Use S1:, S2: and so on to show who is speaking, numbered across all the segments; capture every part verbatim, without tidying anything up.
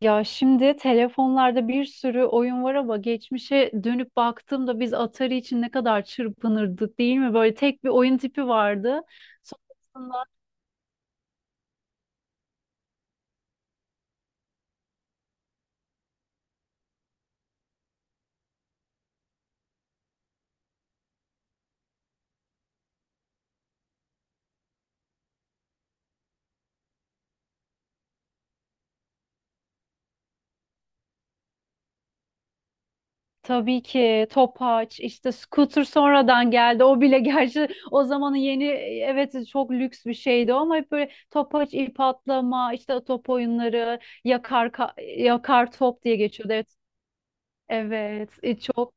S1: Ya şimdi telefonlarda bir sürü oyun var ama geçmişe dönüp baktığımda biz Atari için ne kadar çırpınırdık, değil mi? Böyle tek bir oyun tipi vardı. Sonrasında tabii ki topaç, işte scooter sonradan geldi. O bile gerçi o zamanın yeni evet çok lüks bir şeydi ama hep böyle topaç, ip atlama, işte top oyunları, yakar ka- yakar top diye geçiyordu. Evet. Evet, e, çok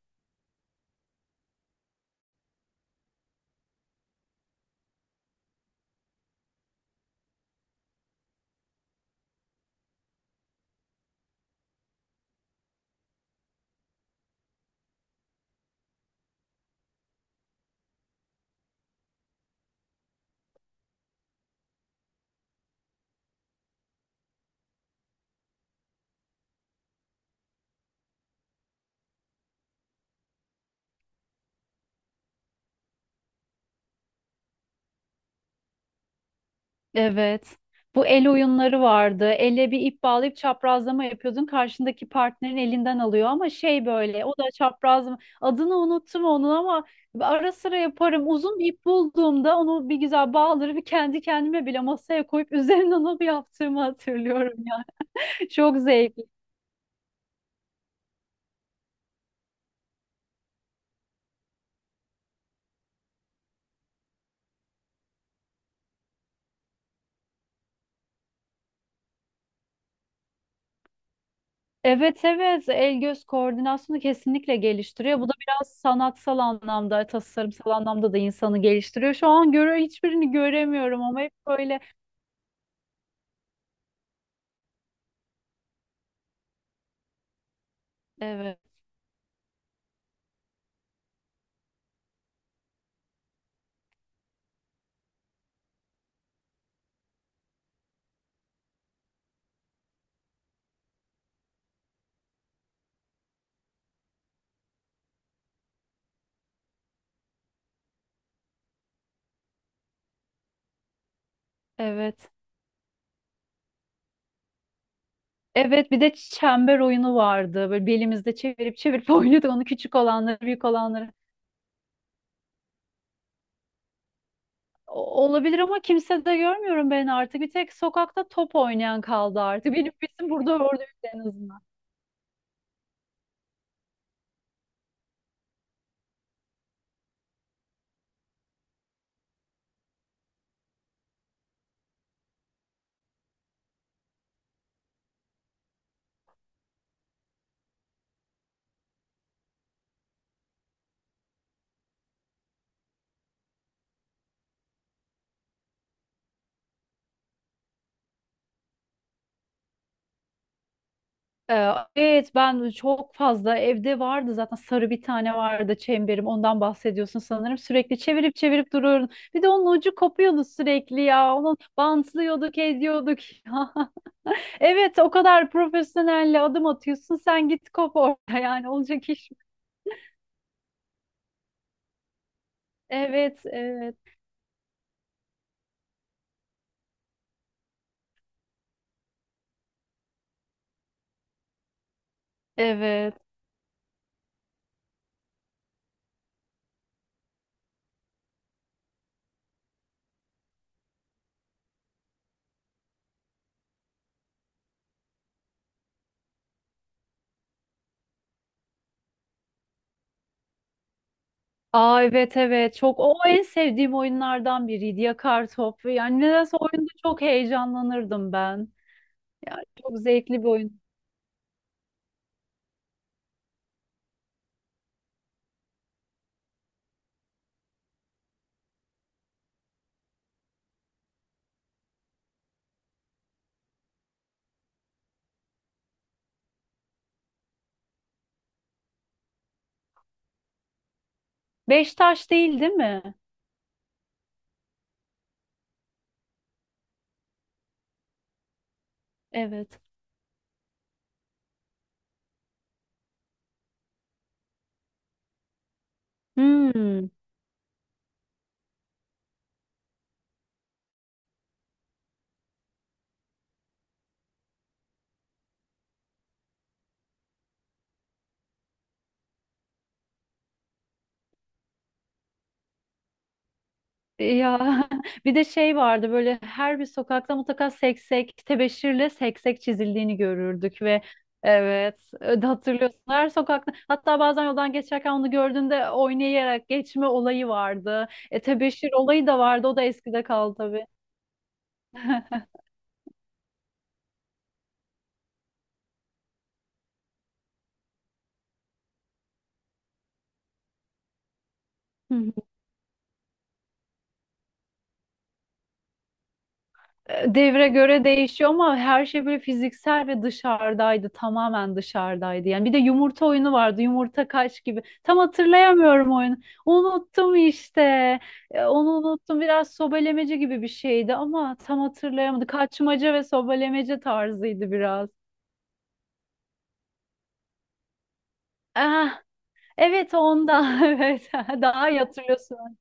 S1: evet. Bu el oyunları vardı. Elle bir ip bağlayıp çaprazlama yapıyordun. Karşındaki partnerin elinden alıyor ama şey böyle o da çaprazlama. Adını unuttum onun ama ara sıra yaparım. Uzun bir ip bulduğumda onu bir güzel bağlarım. Kendi kendime bile masaya koyup üzerine onu bir yaptığımı hatırlıyorum ya. Çok zevkli. Evet evet, el göz koordinasyonu kesinlikle geliştiriyor. Bu da biraz sanatsal anlamda, tasarımsal anlamda da insanı geliştiriyor. Şu an göre hiçbirini göremiyorum ama hep böyle evet. Evet. Evet, bir de çember oyunu vardı. Böyle belimizde çevirip çevirip oynuyorduk onu, küçük olanları, büyük olanları. O- olabilir ama kimse de görmüyorum ben artık. Bir tek sokakta top oynayan kaldı artık. Benim bizim burada orada yok en azından. Ee, evet, ben çok fazla evde vardı zaten, sarı bir tane vardı çemberim. Ondan bahsediyorsun sanırım. Sürekli çevirip çevirip duruyordum. Bir de onun ucu kopuyordu sürekli ya. Onu bantlıyorduk, ediyorduk. Evet, o kadar profesyonelle adım atıyorsun. Sen git kop orada yani, olacak iş mi? Evet, evet, evet. Aa evet evet, çok, o en sevdiğim oyunlardan biriydi yakar top, yani nedense oyunda çok heyecanlanırdım ben, yani çok zevkli bir oyun. Beş taş değil değil mi? Evet. Hmm. Ya bir de şey vardı, böyle her bir sokakta mutlaka seksek, tebeşirle seksek çizildiğini görürdük ve evet, e, hatırlıyorsun, her sokakta, hatta bazen yoldan geçerken onu gördüğünde oynayarak geçme olayı vardı. E, tebeşir olayı da vardı, o da eskide kaldı tabii. Hı hı. E, devre göre değişiyor ama her şey böyle fiziksel ve dışarıdaydı. Tamamen dışarıdaydı. Yani bir de yumurta oyunu vardı. Yumurta kaç gibi. Tam hatırlayamıyorum oyunu. Unuttum işte. E, Onu unuttum. Biraz sobelemece gibi bir şeydi ama tam hatırlayamadım. Kaçmaca ve sobelemece tarzıydı biraz. Ah, evet ondan. Evet. Daha iyi hatırlıyorsun.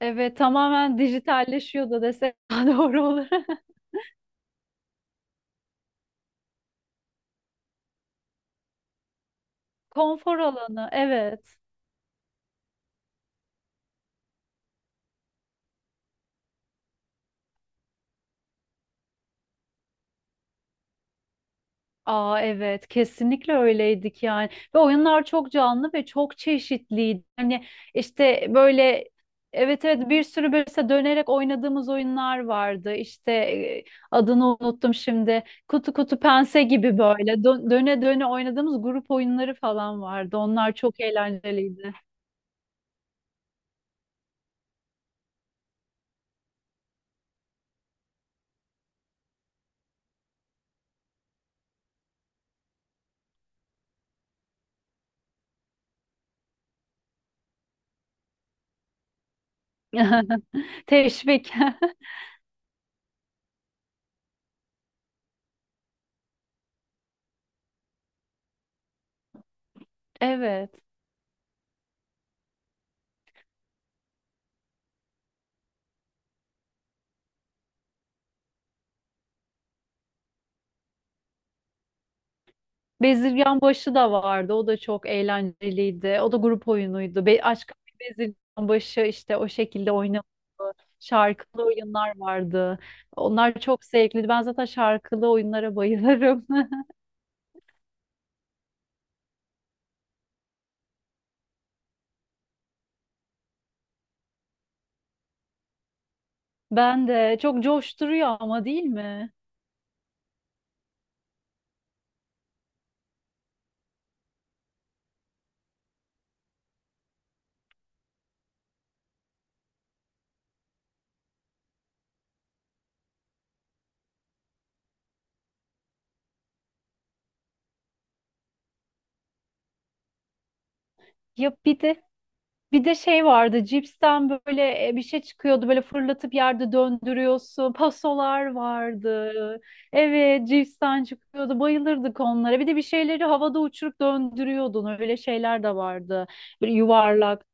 S1: Evet, tamamen dijitalleşiyordu desek daha doğru olur. Konfor alanı. Evet. Aa evet, kesinlikle öyleydik yani, ve oyunlar çok canlı ve çok çeşitliydi. Hani işte böyle evet evet, bir sürü böyle işte dönerek oynadığımız oyunlar vardı. İşte e, adını unuttum şimdi. Kutu kutu pense gibi böyle dö- döne döne oynadığımız grup oyunları falan vardı. Onlar çok eğlenceliydi. Teşvik. Evet. Bezirgan Başı da vardı. O da çok eğlenceliydi. O da grup oyunuydu. Be aşk, Bezirgan Başı işte o şekilde oynanıyordu. Şarkılı oyunlar vardı. Onlar çok zevkliydi. Ben zaten şarkılı oyunlara bayılırım. Ben de, çok coşturuyor ama, değil mi? Ya bir de, bir de şey vardı, cipsten böyle e, bir şey çıkıyordu, böyle fırlatıp yerde döndürüyorsun. Pasolar vardı. Evet, cipsten çıkıyordu, bayılırdık onlara. Bir de bir şeyleri havada uçurup döndürüyordun, öyle şeyler de vardı. Böyle yuvarlak.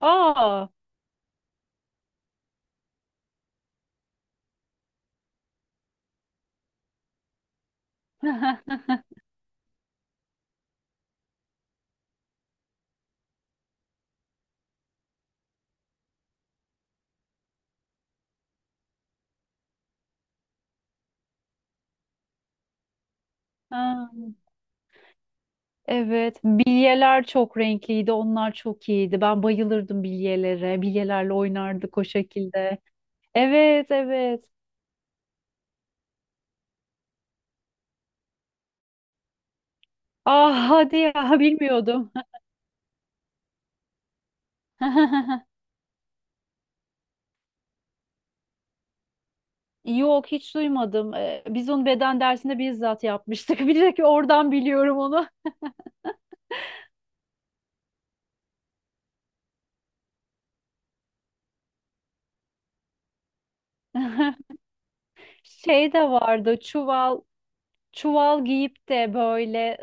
S1: Aa. Ha, evet, bilyeler çok renkliydi, onlar çok iyiydi. Ben bayılırdım bilyelere, bilyelerle oynardık o şekilde. Evet, evet. Ah hadi ya, bilmiyordum. Yok, hiç duymadım. Ee, biz onu beden dersinde bizzat yapmıştık. Bir de ki oradan biliyorum onu. Şey de vardı, çuval, çuval giyip de böyle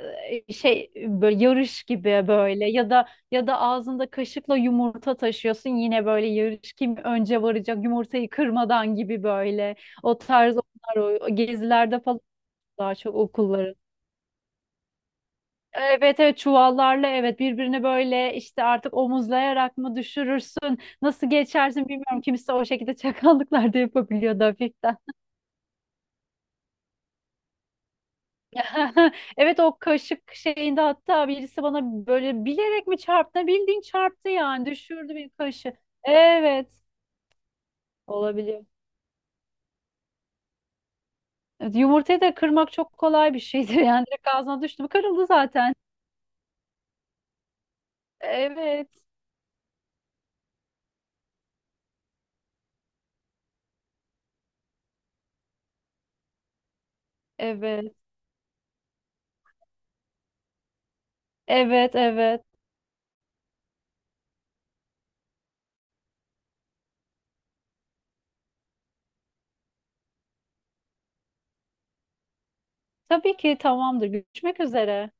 S1: e, şey, böyle yarış gibi, böyle, ya da ya da ağzında kaşıkla yumurta taşıyorsun, yine böyle yarış, kim önce varacak yumurtayı kırmadan gibi, böyle o tarz onlar, o gezilerde falan, daha çok okulları. Evet evet, çuvallarla, evet, birbirine böyle işte artık omuzlayarak mı düşürürsün, nasıl geçersin bilmiyorum, kimse o şekilde çakallıklar da yapabiliyordu hafiften. Evet, o kaşık şeyinde hatta birisi bana böyle bilerek mi çarptı, bildiğin çarptı yani, düşürdü bir kaşı. Evet olabiliyor. Evet, yumurtayı da kırmak çok kolay bir şeydir yani direkt ağzına düştü mü kırıldı zaten. Evet evet evet evet, tabii ki tamamdır, görüşmek üzere.